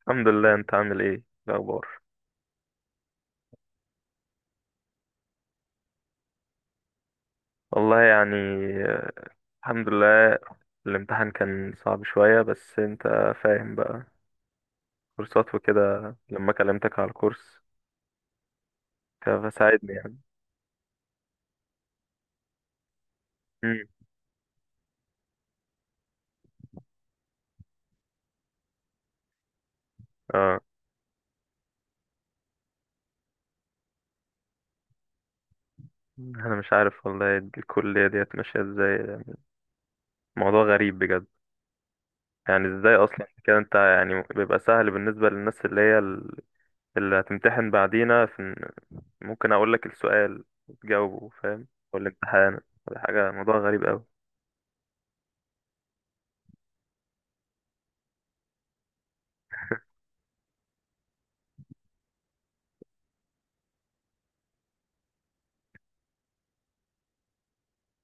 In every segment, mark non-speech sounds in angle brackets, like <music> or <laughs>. الحمد لله. انت عامل ايه؟ إيه الاخبار؟ والله يعني آه، الحمد لله. الامتحان كان صعب شوية، بس انت فاهم بقى كورسات وكده لما كلمتك على الكورس كان فساعدني يعني. امم. اه، انا مش عارف والله الكلية ديت ماشية ازاي يعني. موضوع غريب بجد. يعني ازاي اصلا كده؟ انت يعني بيبقى سهل بالنسبة للناس اللي هي اللي هتمتحن بعدينا. في ممكن اقول لك السؤال وتجاوبه، فاهم؟ والامتحان ولا حاجة، موضوع غريب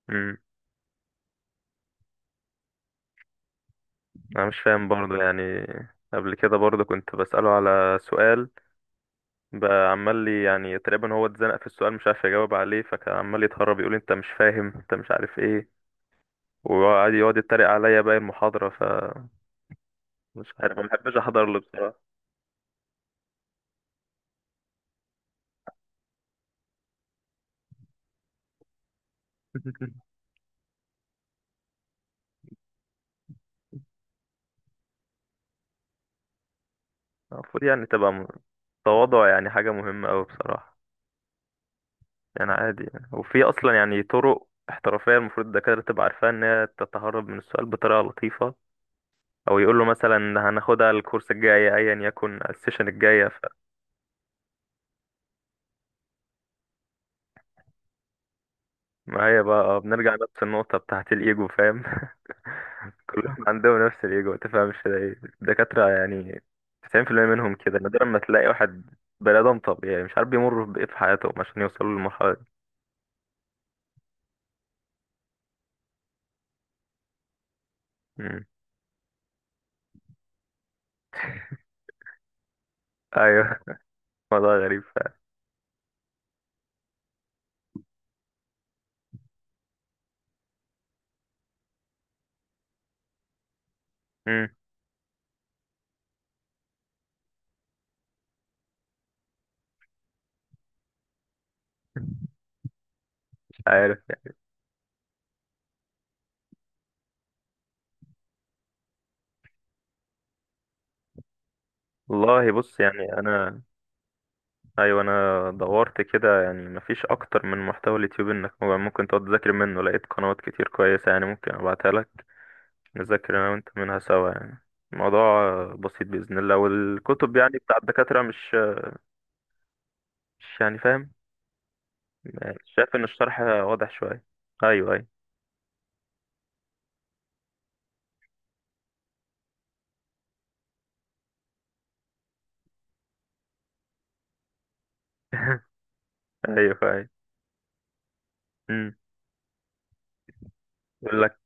قوي. انا مش فاهم برضو يعني. قبل كده برضو كنت بسأله على سؤال، بقى عمال لي يعني، تقريبا هو اتزنق في السؤال، مش عارف يجاوب عليه، فكان عمال يتهرب، يقول لي انت مش فاهم، انت مش عارف ايه، وقعد يتريق عليا باقي المحاضرة، فمش عارف، ما بحبش احضر له بصراحة. <laughs> المفروض يعني تبقى تواضع، يعني حاجة مهمة أوي بصراحة. يعني عادي يعني. وفي أصلا يعني طرق احترافية المفروض الدكاترة تبقى عارفاها، إن هي تتهرب من السؤال بطريقة لطيفة، او يقول له مثلا هناخدها الكورس الجاي، ايا يكن السيشن الجايه. فمعايا بقى بنرجع نفس النقطه بتاعت الايجو، فاهم؟ <laughs> كلهم عندهم نفس الايجو، ما تفهمش ده ايه الدكاتره يعني. 90% منهم كده، نادرا ما تلاقي واحد بني ادم طبيعي. مش عارف بيمر بايه في حياتهم عشان يوصلوا للمرحله دي. مم. ايوه. <laughs> موضوع غريب فعلا. مم. مش عارف. والله بص يعني انا، ايوه، انا دورت كده يعني مفيش اكتر من محتوى اليوتيوب انك ممكن تقعد تذاكر منه. لقيت قنوات كتير كويسه، يعني ممكن ابعتها لك، نذاكر أنا وأنت منها سوا يعني. الموضوع بسيط بإذن الله. والكتب يعني بتاع الدكاترة مش، مش يعني فاهم، شايف إن الشرح واضح شوية. أيوه، أيوه. <laughs> أيوه، أيوه. أمم. يقول لك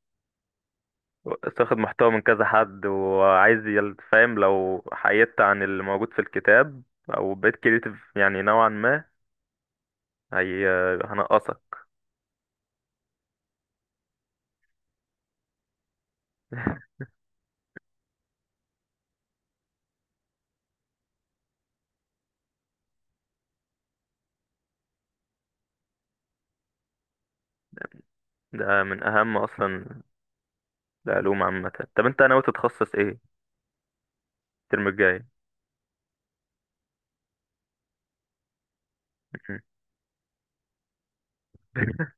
تاخد محتوى من كذا حد، وعايز فاهم، لو حيدت عن اللي موجود في الكتاب أو بقيت كريتيف يعني نوعا ما، هي هنقصك. <laughs> ده من أهم أصلا العلوم عامة. طب أنت ناوي تتخصص إيه الترم الجاي؟ <laughs>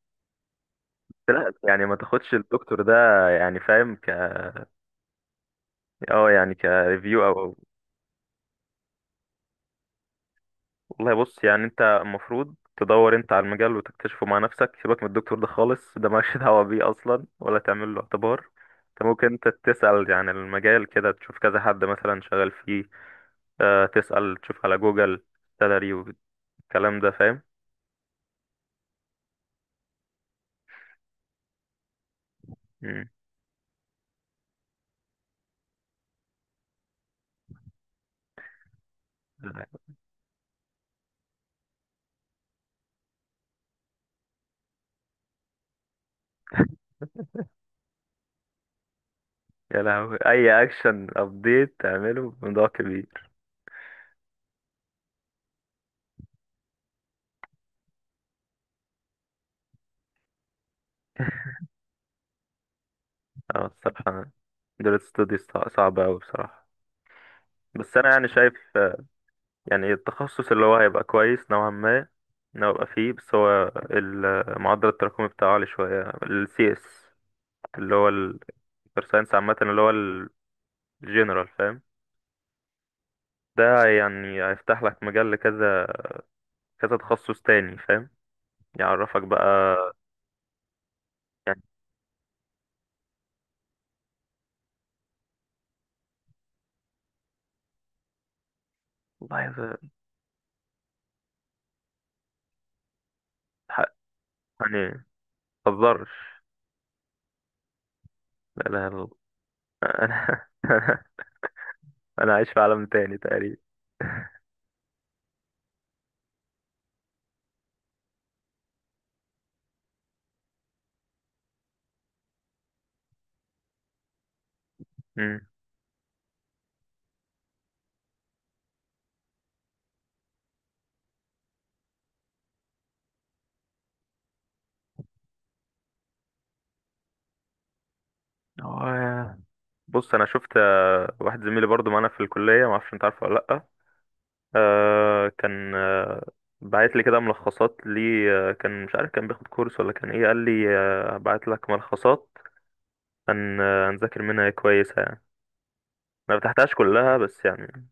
لا، يعني ما تاخدش الدكتور ده. يعني فاهم، ك اه يعني كريفيو والله بص، يعني انت المفروض تدور انت على المجال وتكتشفه مع نفسك. سيبك من الدكتور ده خالص، ده مالكش <laughs> دعوة بيه اصلا ولا تعمل له اعتبار. انت ممكن انت تسأل عن المجال كده، تشوف كذا حد مثلا شغال فيه، اه تسأل تشوف على جوجل، سالري، والكلام ده، فاهم؟ مم. يا لهوي، اي اكشن ابديت تعمله بموضوع كبير. <laughs> اه الصراحة دول ستوديز صعبة أوي بصراحة. بس أنا يعني شايف يعني التخصص اللي هو هيبقى كويس نوعا ما، إن هو يبقى فيه. بس هو معدل التراكمي بتاعه عالي شوية، ال CS اللي هو ال Computer Science عامة، اللي هو الجنرال فاهم. ده يعني هيفتح لك مجال لكذا، كذا تخصص تاني، فاهم؟ يعرفك بقى يعني. والله يا- حق- يعني متهزرش، لا لا لا. أنا <laughs> أنا، أنا عايش في عالم تاني تقريبا. امم. هو بص انا شفت واحد زميلي برضو معانا في الكليه، ما اعرفش انت عارفه ولا لا، آه كان آه بعت لي كده ملخصات لي، آه كان مش عارف كان بياخد كورس ولا كان ايه، قال لي آه بعت لك ملخصات، هن آه هنذاكر منها كويسة يعني. ما فتحتهاش كلها بس يعني.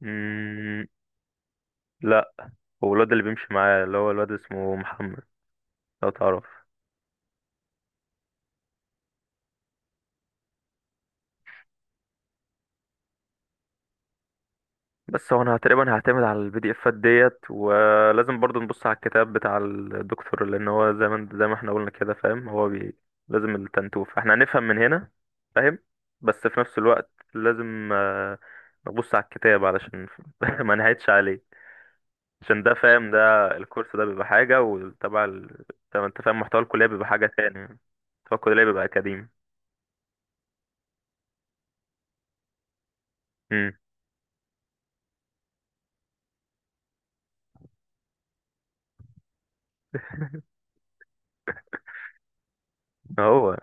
مم. لا، هو الواد اللي بيمشي معايا، اللي هو الواد اسمه محمد، لو تعرف. بس هو انا تقريبا هعتمد على البي دي افات ديت، ولازم برضو نبص على الكتاب بتاع الدكتور، لان هو زي ما احنا قلنا كده، فاهم؟ هو بي... لازم التنتوف احنا هنفهم من هنا، فاهم؟ بس في نفس الوقت لازم نبص على الكتاب علشان <laughs> ما نهيتش عليه. عشان ده فاهم، ده الكورس ده بيبقى حاجة وتبع ال... طب انت فاهم، محتوى الكلية بيبقى حاجة تاني. محتوى الكلية بيبقى أكاديمي. امم. هو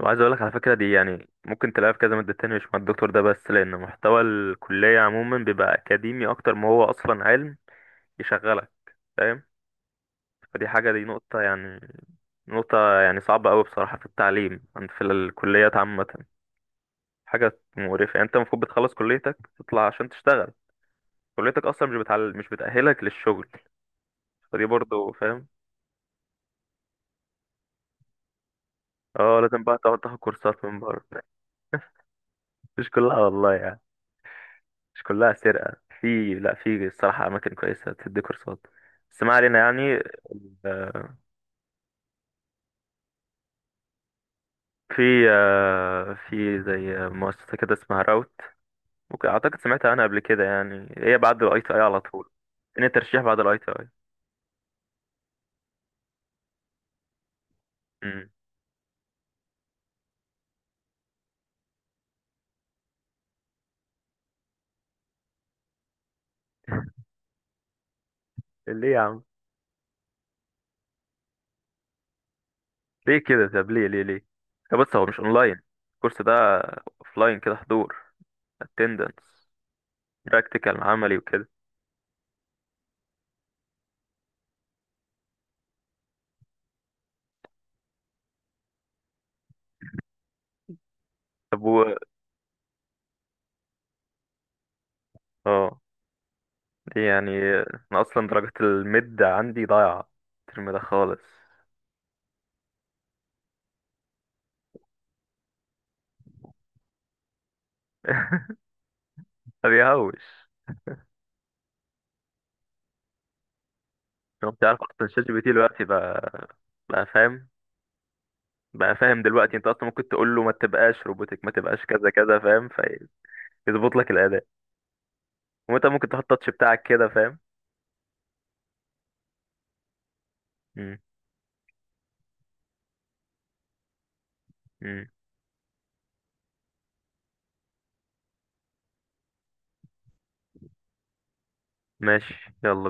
وعايز اقول لك على فكره، دي يعني ممكن تلاقيها في كذا ماده تانية، مش مع الدكتور ده بس، لان محتوى الكليه عموما بيبقى اكاديمي اكتر ما هو اصلا علم يشغلك، فاهم؟ فدي حاجه، دي نقطه يعني، نقطه يعني صعبه قوي بصراحه في التعليم عند، في الكليات عامه. حاجه مقرفه يعني. انت المفروض بتخلص كليتك تطلع عشان تشتغل، كليتك اصلا مش بتعل... مش بتاهلك للشغل. فدي برضو فاهم. اه، لازم بقى تقعد تاخد كورسات من بره. <laughs> مش كلها والله، مش كلها سرقة، في، لا، في الصراحة أماكن كويسة تدي كورسات. بس ما علينا يعني. آه، في في زي مؤسسة كده اسمها راوت، ممكن أعتقد سمعت عنها قبل كده، يعني هي بعد الأي تي أي على طول، إن الترشيح بعد الأي تي أي. أمم. ليه يا عم؟ ليه كده؟ طب ليه ليه ليه؟ طب بص، هو مش أونلاين الكورس ده، أوفلاين كده، حضور، attendance، براكتيكال عملي وكده. طب و اه، دي يعني أنا أصلا درجة الميد عندي ضايعة الترم ده خالص. ما بيهوش. انت عارف اصلا شات جي بي تي دلوقتي بقى، بقى فاهم، بقى فاهم دلوقتي، انت اصلا ممكن تقول له ما تبقاش روبوتك، ما تبقاش كذا كذا، فاهم؟ فيظبط لك الاداء، وانت ممكن تحط التاتش بتاعك كده، فاهم؟ امم. امم. ماشي، يلا بينا.